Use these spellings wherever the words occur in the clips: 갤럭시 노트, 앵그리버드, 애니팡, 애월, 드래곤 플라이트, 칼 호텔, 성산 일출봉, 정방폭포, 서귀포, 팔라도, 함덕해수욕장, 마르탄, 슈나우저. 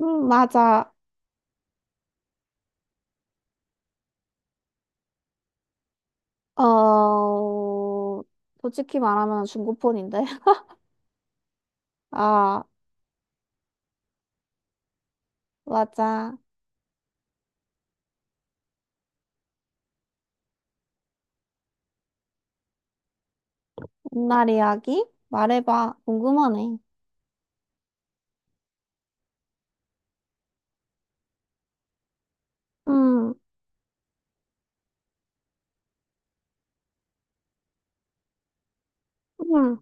맞아. 어, 솔직히 말하면 중고폰인데. 아, 맞아. 옛날 이야기? 말해봐. 궁금하네. 음, 음,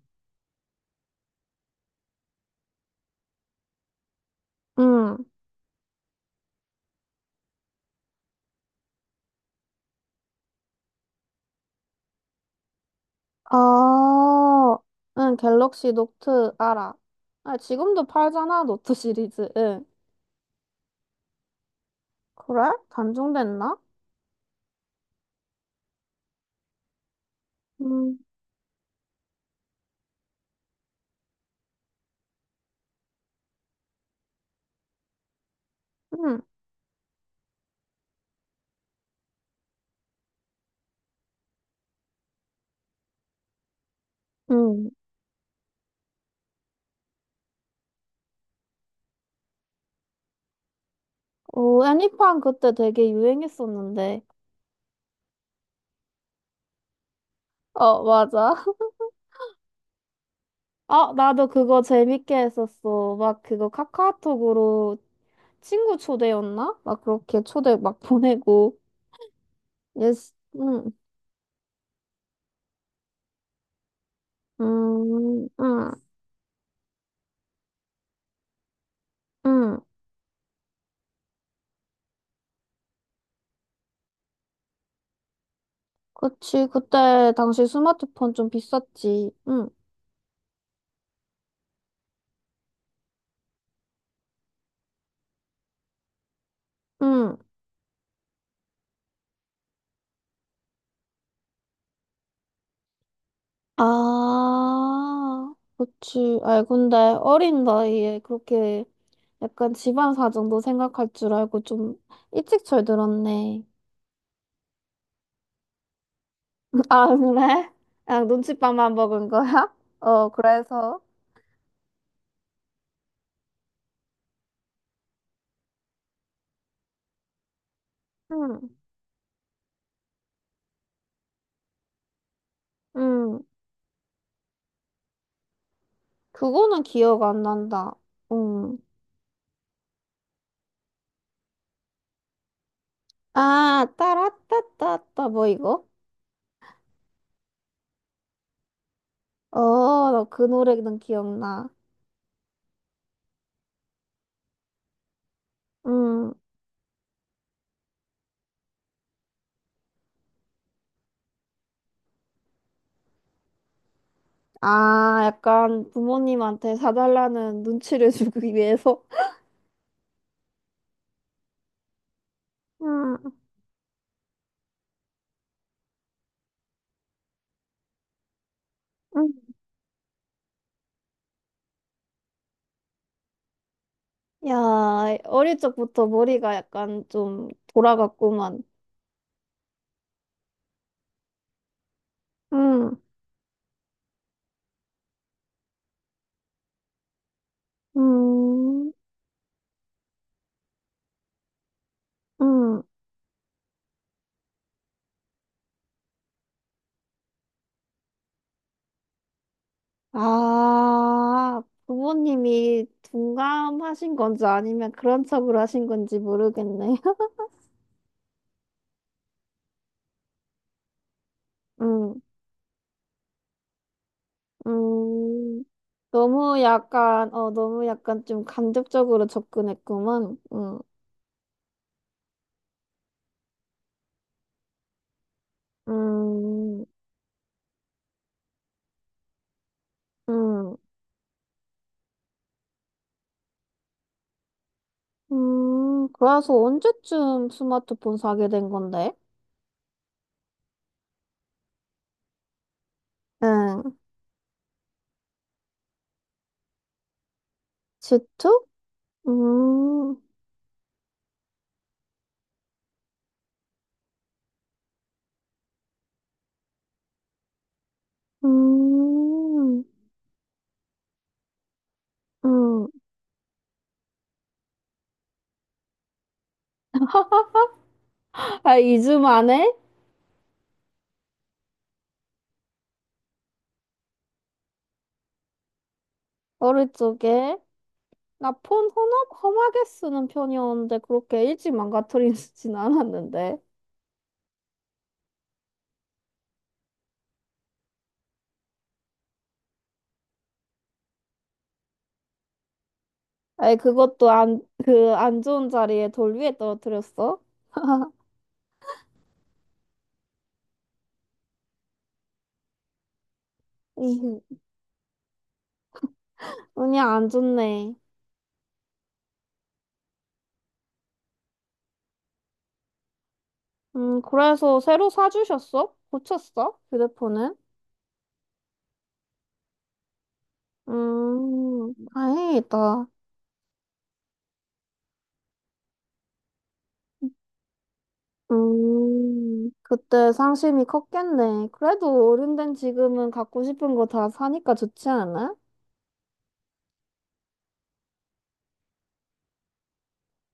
음. 어, 응, 갤럭시 노트 알아. 아, 지금도 팔잖아, 노트 시리즈. 응. 그래? 단종됐나? 음, 음, 음. 오, 애니팡 그때 되게 유행했었는데. 어, 맞아. 아, 나도 그거 재밌게 했었어. 막 그거 카카오톡으로 친구 초대였나? 막 그렇게 초대 막 보내고. 예스. 응. 응, 응. 그치. 그때 당시 스마트폰 좀 비쌌지. 응, 응. 아, 그치. 아이, 근데 어린 나이에 그렇게 약간 집안 사정도 생각할 줄 알고 좀 일찍 철들었네. 아, 그래? 그냥 눈칫밥만 먹은 거야? 어, 그래서. 응, 응. 그거는 기억 안 난다. 응. 아, 따라따따따, 뭐 이거? 어, 나 그 노래는 기억나. 응. 아, 약간 부모님한테 사달라는 눈치를 주기 위해서? 응, 응. 야, 어릴 적부터 머리가 약간 좀 돌아갔구만. 응, 응, 응. 아, 부모님이 둔감하신 건지 아니면 그런 척을 하신 건지 모르겠네. 음, 음, 너무 약간, 너무 약간 좀 간접적으로 접근했구만. 음, 음, 그래서 언제쯤 스마트폰 사게 된 건데? 응, 지투. 음, 음, 음. 아, 2주 만에? 어릴 적에? 나 험하게 쓰는 편이었는데 그렇게 일찍 망가뜨리진 않았는데. 아니 그것도 안, 그 안 좋은 자리에 돌 위에 떨어뜨렸어? 이흠. 운이 안 좋네. 그래서 새로 사주셨어? 고쳤어? 휴대폰은? 다행이다. 그때 상심이 컸겠네. 그래도 어른된 지금은 갖고 싶은 거 다 사니까 좋지 않아?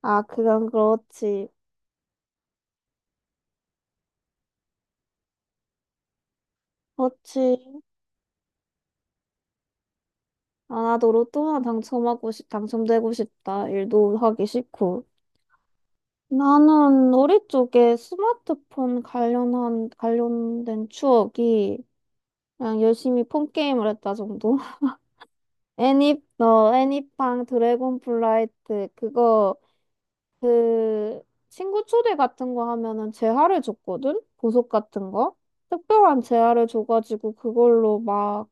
아, 그건 그렇지. 그렇지. 아, 나도 당첨되고 싶다. 일도 하기 싫고. 나는 우리 쪽에 관련된 추억이 그냥 열심히 폰 게임을 했다 정도? 애니팡 드래곤 플라이트, 그, 친구 초대 같은 거 하면은 재화를 줬거든? 보석 같은 거? 특별한 재화를 줘가지고 그걸로 막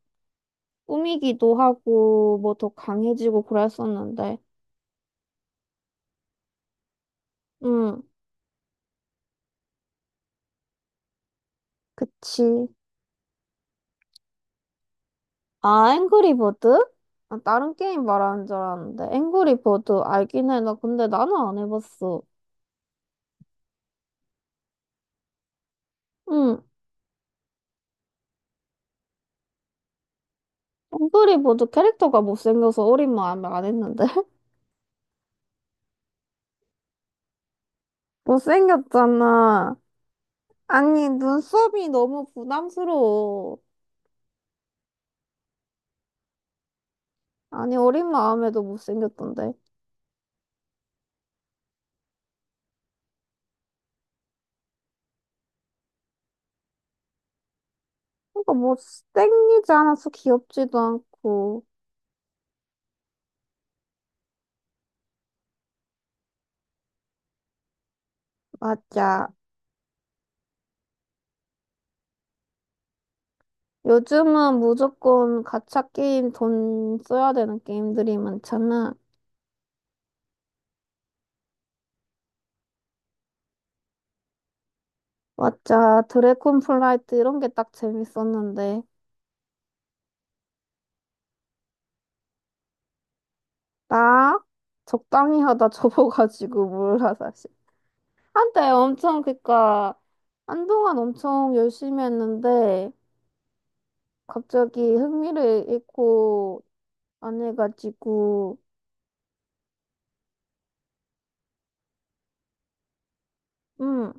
꾸미기도 하고 뭐 더 강해지고 그랬었는데. 음. 그치. 아, 앵그리버드? 아, 다른 게임 말하는 줄 알았는데. 앵그리버드 알긴 해. 나 근데 나는 안 해봤어. 응. 앵그리버드 캐릭터가 못생겨서 어린 마음에 안 했는데. 못생겼잖아. 아니, 눈썹이 너무 부담스러워. 아니, 어린 마음에도 못생겼던데. 그러니까 못생기지 않아서 귀엽지도 않고. 맞아. 요즘은 무조건 가챠 게임 돈 써야 되는 게임들이 많잖아. 맞아. 드래곤 플라이트 이런 게 딱 재밌었는데. 나 적당히 하다 접어가지고 몰라, 사실. 한때 엄청, 그니까, 한동안 엄청 열심히 했는데, 갑자기 흥미를 잃고 안 해가지고, 음,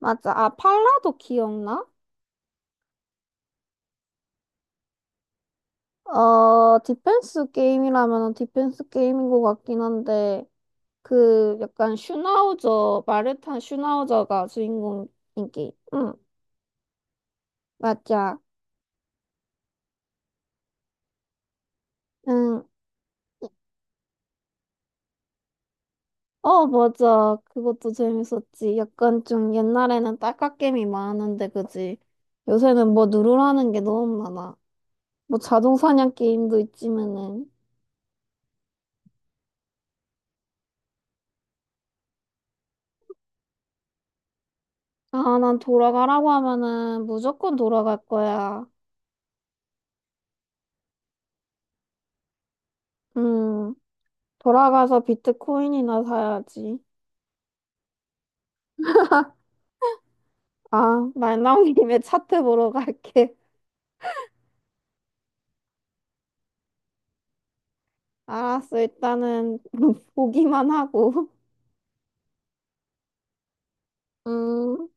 맞아. 아, 팔라도 기억나? 어, 디펜스 게임이라면 디펜스 게임인 것 같긴 한데, 그, 약간 슈나우저, 마르탄 슈나우저가 주인공인 게임. 맞아. 응. 어, 맞아. 그것도 재밌었지. 약간 좀 옛날에는 딸깍게임이 많았는데, 그지? 요새는 뭐 누르라는 게 너무 많아. 뭐 자동사냥 게임도 있지만은. 아, 난 돌아가라고 하면은 무조건 돌아갈 거야. 음, 돌아가서 비트코인이나 사야지. 아, 말 나온 김에 차트 보러 갈게. 알았어. 일단은 보기만 하고. 음.